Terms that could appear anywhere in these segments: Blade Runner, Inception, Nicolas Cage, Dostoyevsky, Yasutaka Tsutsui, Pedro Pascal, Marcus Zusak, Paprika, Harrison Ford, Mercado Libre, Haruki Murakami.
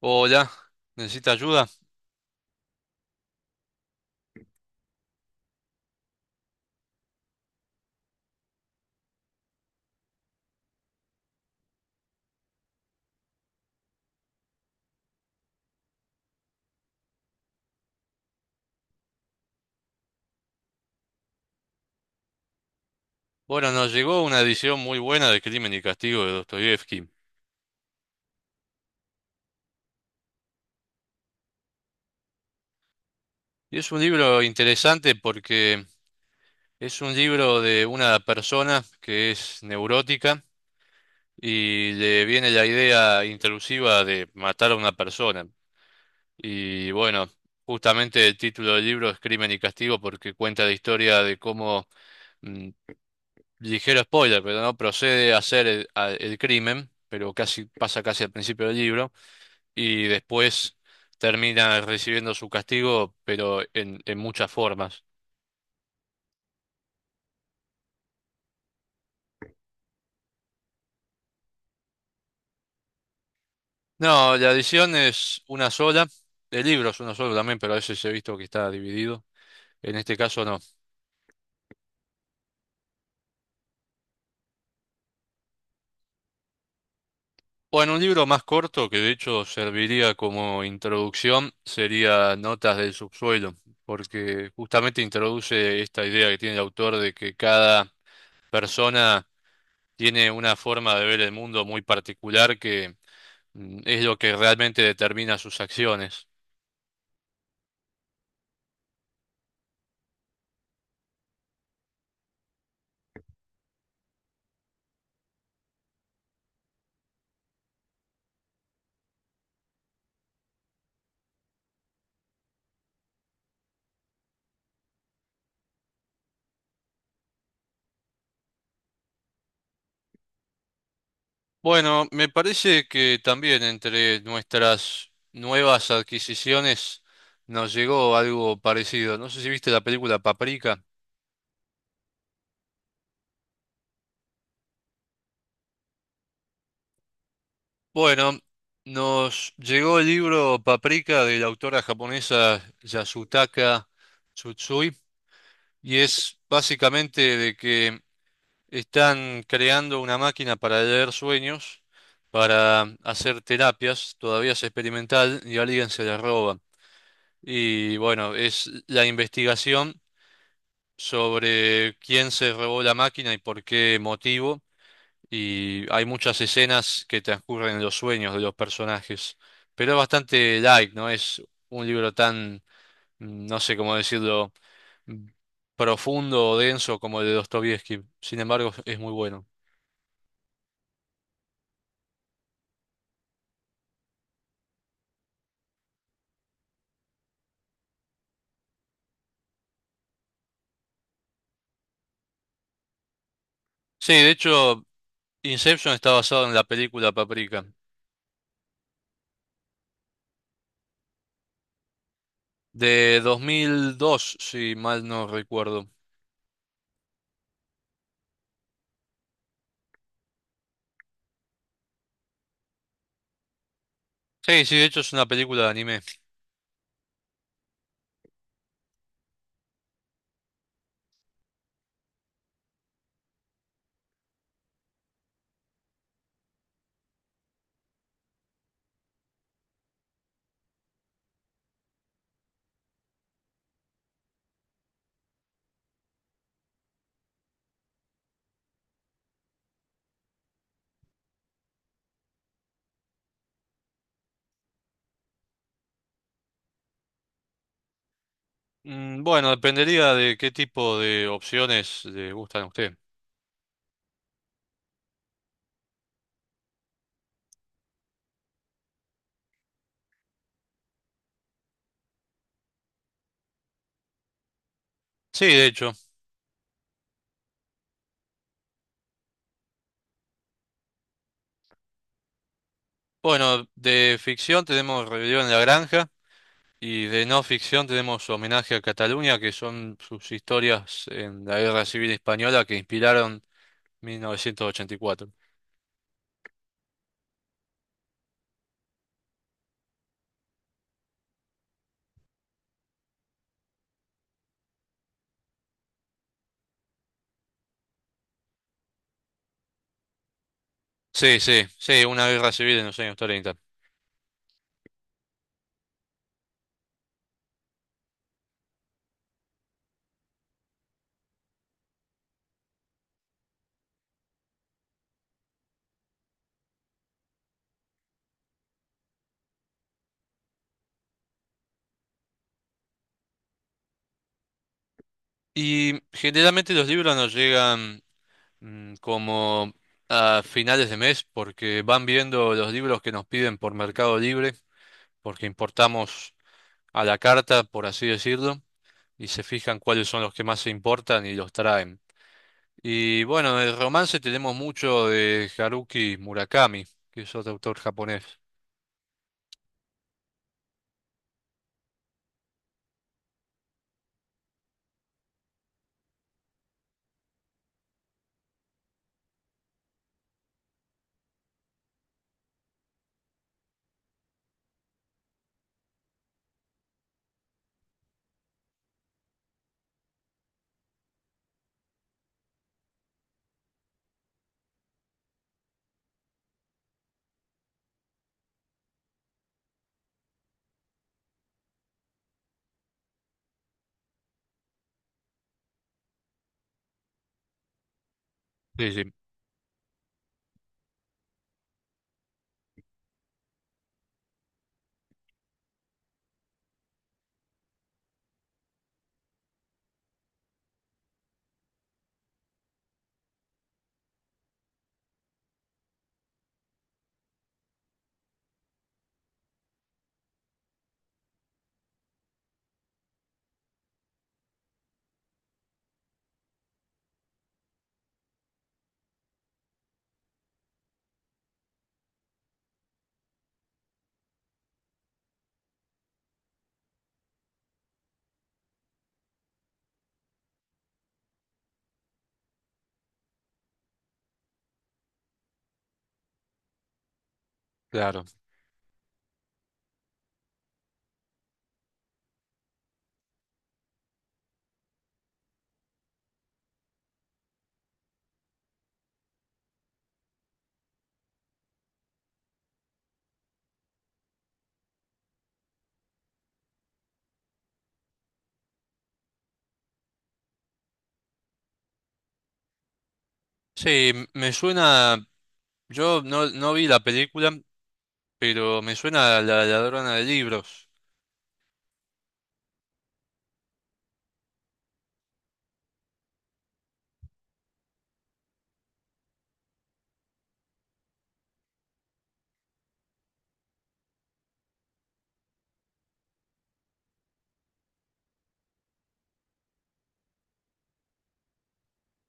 Hola, ¿necesita ayuda? Bueno, nos llegó una edición muy buena de Crimen y Castigo de Dostoyevsky. Y es un libro interesante porque es un libro de una persona que es neurótica y le viene la idea intrusiva de matar a una persona. Y bueno, justamente el título del libro es Crimen y Castigo porque cuenta la historia de cómo, mm, ligero spoiler, pero no procede a hacer el crimen, pero casi pasa casi al principio del libro y después termina recibiendo su castigo, pero en muchas formas. No, la edición es una sola, el libro es uno solo también, pero a veces he visto que está dividido. En este caso no. Bueno, un libro más corto que de hecho serviría como introducción sería Notas del subsuelo, porque justamente introduce esta idea que tiene el autor de que cada persona tiene una forma de ver el mundo muy particular que es lo que realmente determina sus acciones. Bueno, me parece que también entre nuestras nuevas adquisiciones nos llegó algo parecido. No sé si viste la película Paprika. Bueno, nos llegó el libro Paprika de la autora japonesa Yasutaka Tsutsui y es básicamente de que están creando una máquina para leer sueños, para hacer terapias, todavía es experimental y alguien se la roba. Y bueno, es la investigación sobre quién se robó la máquina y por qué motivo, y hay muchas escenas que transcurren en los sueños de los personajes, pero es bastante light, no es un libro tan, no sé cómo decirlo, mm, profundo o denso como el de Dostoievski, sin embargo es muy bueno. Sí, de hecho, Inception está basado en la película Paprika, de 2002, si mal no recuerdo. Sí, sí, de hecho es una película de anime. Mm, bueno, dependería de qué tipo de opciones le gustan a usted. Sí, de hecho. Bueno, de ficción tenemos Rebelión en la Granja y de no ficción tenemos Homenaje a Cataluña, que son sus historias en la Guerra Civil Española que inspiraron 1984. Sí, sí, sí, una guerra civil en los años treinta. Y generalmente los libros nos llegan como a finales de mes porque van viendo los libros que nos piden por Mercado Libre, porque importamos a la carta, por así decirlo, y se fijan cuáles son los que más se importan y los traen. Y bueno, el romance tenemos mucho de Haruki Murakami, que es otro autor japonés. Sí, sí, claro. Sí, me suena, yo no, no vi la película, pero me suena a La Ladrona de Libros.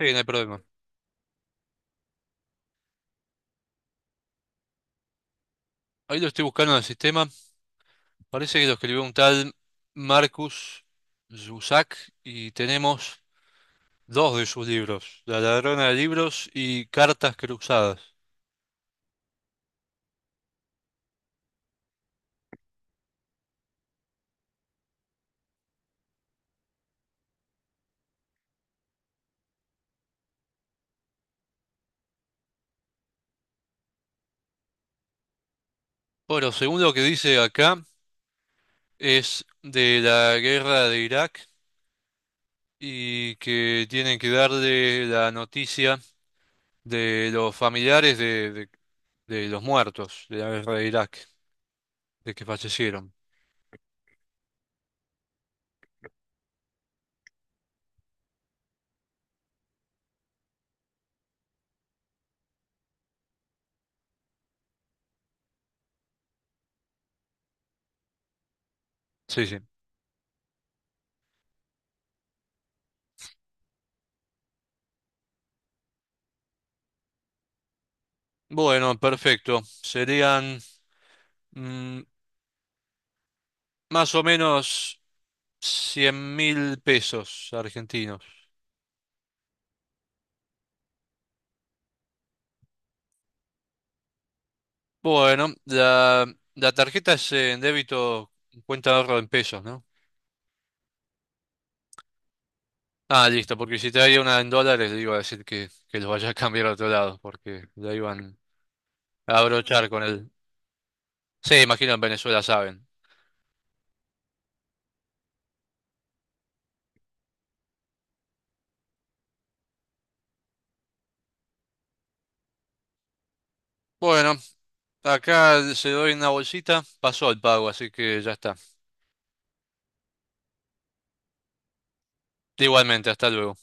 Sí, no hay problema. Ahí lo estoy buscando en el sistema. Parece que lo escribió un tal Marcus Zusak y tenemos dos de sus libros, La Ladrona de Libros y Cartas Cruzadas. Bueno, según lo que dice acá, es de la guerra de Irak y que tienen que darle la noticia de los familiares de los muertos de la guerra de Irak, de que fallecieron. Sí, sí. Bueno, perfecto. Serían mm, más o menos 100.000 pesos argentinos. Bueno, la tarjeta es en débito, cuenta de ahorro en pesos, ¿no? Ah, listo, porque si traía una en dólares, le iba a decir que los vaya a cambiar a otro lado, porque la iban a abrochar con el... Sí, imagino en Venezuela saben. Bueno, acá se doy una bolsita, pasó el pago, así que ya está. Igualmente, hasta luego.